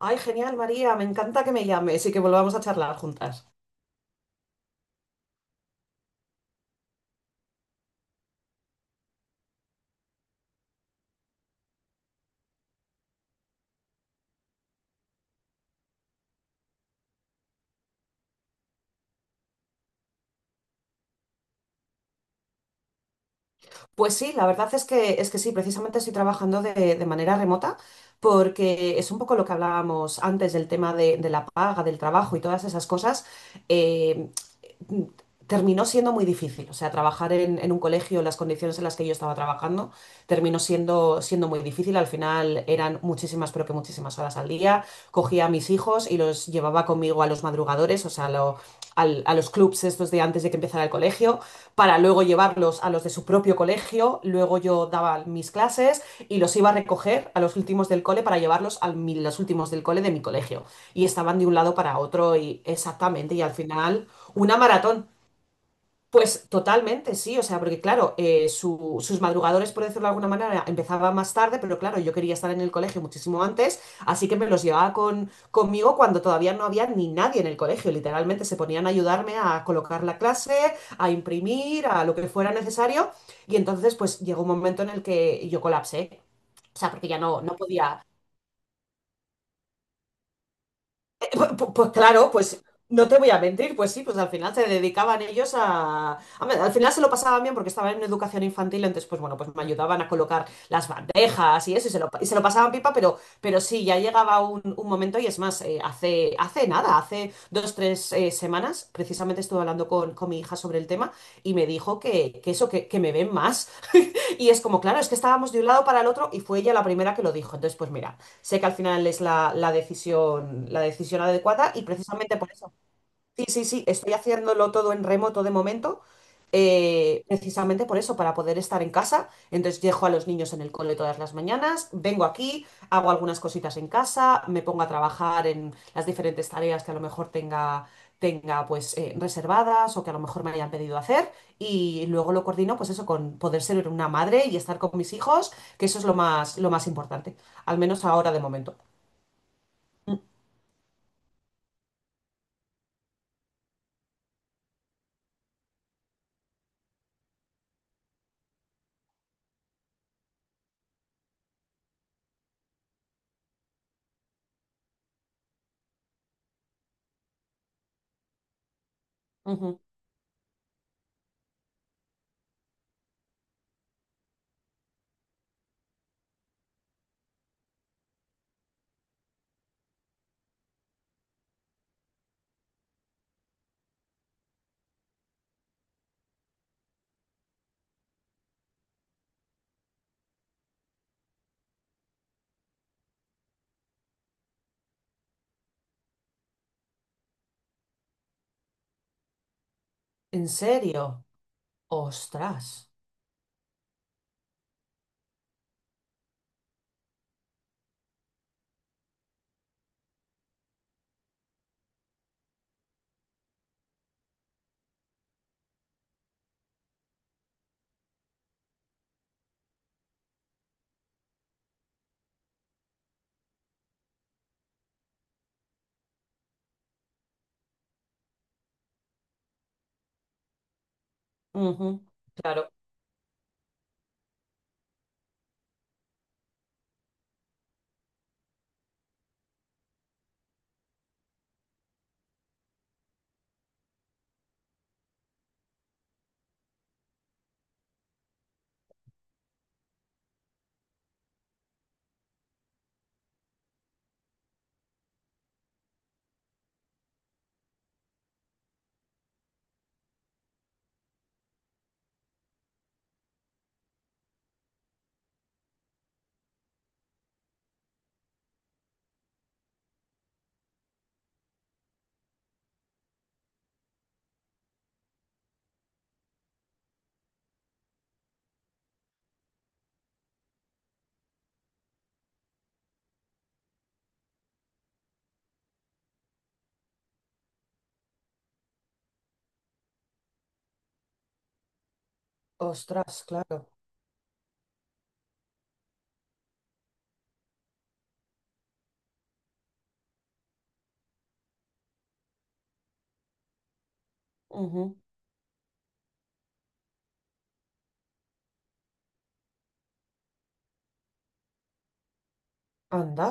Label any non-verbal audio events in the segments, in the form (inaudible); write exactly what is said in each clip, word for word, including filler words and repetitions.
Ay, genial, María, me encanta que me llames y que volvamos a charlar juntas. Pues sí, la verdad es que, es que sí, precisamente estoy trabajando de, de manera remota porque es un poco lo que hablábamos antes del tema de, de la paga, del trabajo y todas esas cosas. eh, mm, Terminó siendo muy difícil, o sea, trabajar en, en un colegio, las condiciones en las que yo estaba trabajando, terminó siendo, siendo muy difícil. Al final eran muchísimas, pero que muchísimas horas al día. Cogía a mis hijos y los llevaba conmigo a los madrugadores, o sea, lo- al- a los clubs estos de antes de que empezara el colegio para luego llevarlos a los de su propio colegio, luego yo daba mis clases y los iba a recoger a los últimos del cole para llevarlos a los últimos del cole de mi colegio. Y estaban de un lado para otro y exactamente, y al final una maratón. Pues totalmente, sí, o sea, porque claro, eh, su- sus madrugadores, por decirlo de alguna manera, empezaban más tarde, pero claro, yo quería estar en el colegio muchísimo antes, así que me los llevaba con, conmigo cuando todavía no había ni nadie en el colegio, literalmente se ponían a ayudarme a colocar la clase, a imprimir, a lo que fuera necesario, y entonces pues llegó un momento en el que yo colapsé, o sea, porque ya no, no podía. Pues, pues pues claro, pues no te voy a mentir, pues sí, pues al final se dedicaban ellos a... a ver, al final se lo pasaban bien porque estaban en educación infantil, entonces pues bueno, pues me ayudaban a colocar las bandejas y eso, y se lo, y se lo pasaban pipa, pero, pero sí, ya llegaba un, un momento y es más, eh, hace, hace nada, hace dos, tres eh, semanas, precisamente estuve hablando con, con mi hija sobre el tema y me dijo que, que eso, que, que me ven más. Y es como, claro, es que estábamos de un lado para el otro y fue ella la primera que lo dijo. Entonces, pues mira, sé que al final es la, la decisión, la decisión adecuada y precisamente por eso. Sí, sí, sí, estoy haciéndolo todo en remoto de momento, eh, precisamente por eso, para poder estar en casa. Entonces dejo a los niños en el cole todas las mañanas, vengo aquí, hago algunas cositas en casa, me pongo a trabajar en las diferentes tareas que a lo mejor tenga, tenga, pues eh, reservadas o que a lo mejor me hayan pedido hacer y luego lo coordino pues eso con poder ser una madre y estar con mis hijos, que eso es lo más, lo más importante, al menos ahora de momento. Mm. Ujú. ¿En serio? ¡Ostras! Ujú. Claro. Ostras, claro. Ujú. Anda.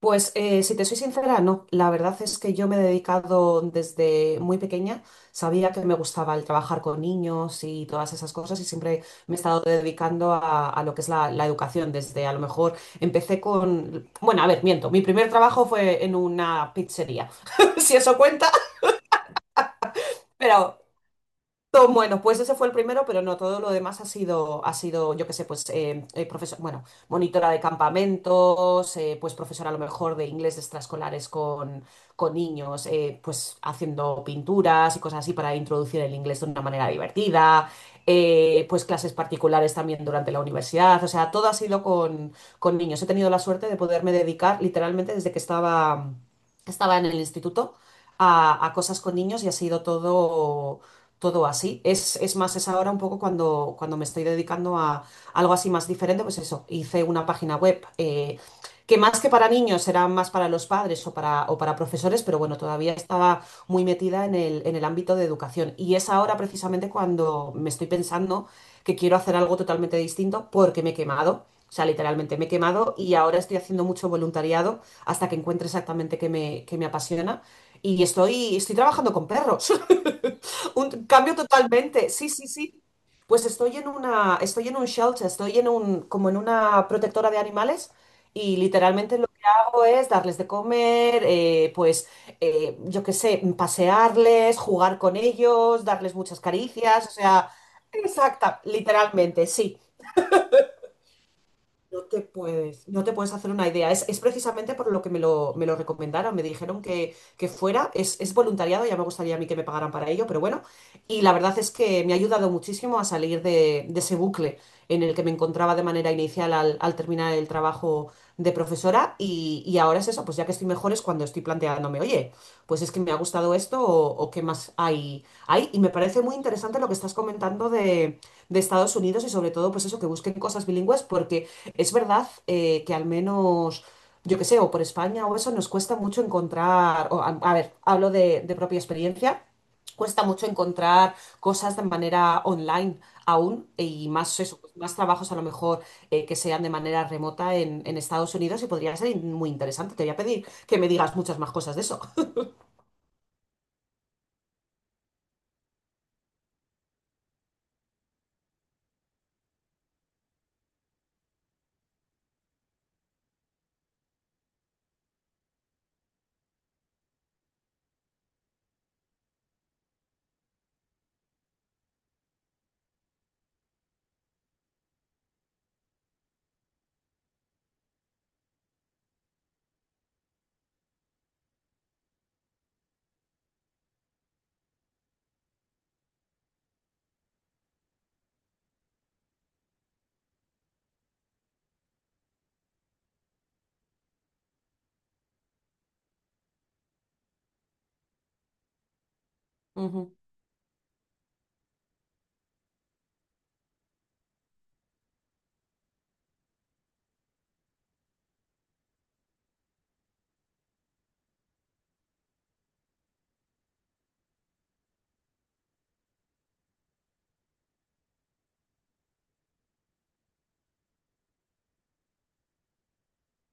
Pues eh, si te soy sincera, no. La verdad es que yo me he dedicado desde muy pequeña. Sabía que me gustaba el trabajar con niños y todas esas cosas y siempre me he estado dedicando a, a, lo que es la, la educación. Desde a lo mejor empecé con. Bueno, a ver, miento. Mi primer trabajo fue en una pizzería, (laughs) si eso cuenta. Pero todo- bueno, pues ese fue el primero, pero no, todo lo demás ha sido, ha sido, yo qué sé, pues eh, eh, profesor, bueno, monitora de campamentos, eh, pues profesora a lo mejor de inglés de extraescolares con, con niños, eh, pues haciendo pinturas y cosas así para introducir el inglés de una manera divertida, eh, pues clases particulares también durante la universidad, o sea, todo ha sido con, con, niños. He tenido la suerte de poderme dedicar literalmente desde que estaba, estaba en el instituto a, a, cosas con niños y ha sido todo todo así. Es, es más, es ahora un poco cuando, cuando me estoy dedicando a algo así más diferente, pues eso, hice una página web eh, que más que para niños era más para los padres o para, o para, profesores, pero bueno, todavía estaba muy metida en el, en el ámbito de educación. Y es ahora precisamente cuando me estoy pensando que quiero hacer algo totalmente distinto porque me he quemado. O sea, literalmente me he quemado y ahora estoy haciendo mucho voluntariado hasta que encuentre exactamente qué me, qué me apasiona. Y estoy, estoy trabajando con perros. Un cambio totalmente. Sí, sí, sí. Pues estoy en una, estoy en un shelter, estoy en un, como en una protectora de animales y literalmente lo que hago es darles de comer, eh, pues eh, yo qué sé, pasearles, jugar con ellos, darles muchas caricias, o sea, exacta, literalmente, sí. No te puedes, no te puedes hacer una idea. Es, es precisamente por lo que me lo, me lo recomendaron. Me dijeron que, que fuera, es, es voluntariado, ya me gustaría a mí que me pagaran para ello, pero bueno. Y la verdad es que me ha ayudado muchísimo a salir de, de ese bucle en el que me encontraba de manera inicial al, al terminar el trabajo de profesora. Y, y ahora es eso, pues ya que estoy mejor es cuando estoy planteándome, oye, pues es que me ha gustado esto o, o qué más hay, hay. Y me parece muy interesante lo que estás comentando de de Estados Unidos y sobre todo pues eso, que busquen cosas bilingües porque es verdad eh, que al menos, yo que sé, o por España o eso, nos cuesta mucho encontrar, o, a, a ver, hablo de, de propia experiencia, cuesta mucho encontrar cosas de manera online aún, y más eso, pues, más trabajos a lo mejor eh, que sean de manera remota en, en, Estados Unidos y podría ser in- muy interesante. Te voy a pedir que me digas muchas más cosas de eso. (laughs) Ujú,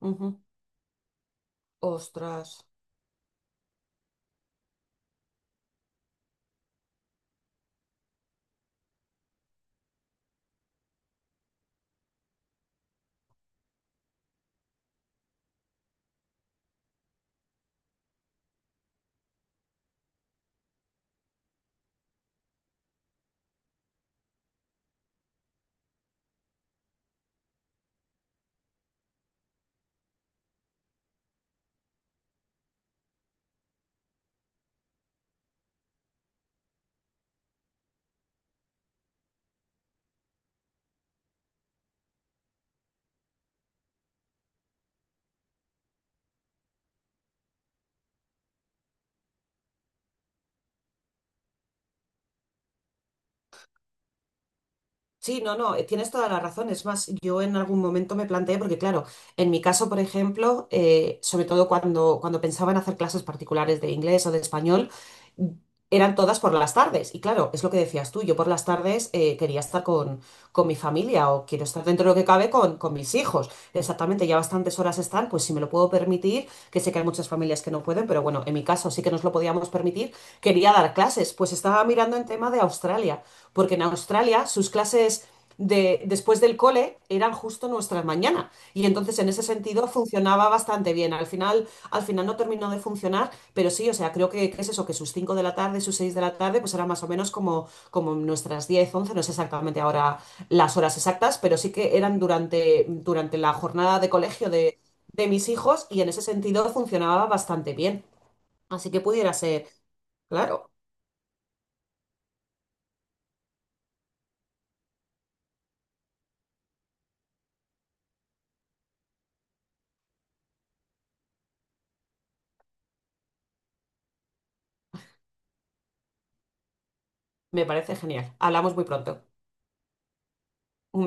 ujú. Ostras. Sí, no, no, eh, tienes toda la razón. Es más, yo en algún momento me planteé, porque claro, en mi caso, por ejemplo, eh, sobre todo cuando, cuando pensaba en hacer clases particulares de inglés o de español, mm, eran todas por las tardes. Y claro, es lo que decías tú, yo por las tardes eh, quería estar con, con mi familia o quiero estar dentro de lo que cabe con, con mis hijos. Exactamente, ya bastantes horas están, pues si me lo puedo permitir, que sé que hay muchas familias que no pueden, pero bueno, en mi caso sí que nos lo podíamos permitir, quería dar clases. Pues estaba mirando en tema de Australia porque en Australia sus clases de, después del cole eran justo nuestras mañanas y entonces en ese sentido funcionaba bastante bien. Al final, al final no terminó de funcionar, pero sí, o sea, creo que, que es eso, que sus cinco de la tarde, sus seis de la tarde, pues eran más o menos como, como nuestras diez once no sé exactamente ahora las horas exactas, pero sí que eran durante, durante la jornada de colegio de, de mis hijos y en ese sentido funcionaba bastante bien. Así que pudiera ser, claro, me parece genial. Hablamos muy pronto. Un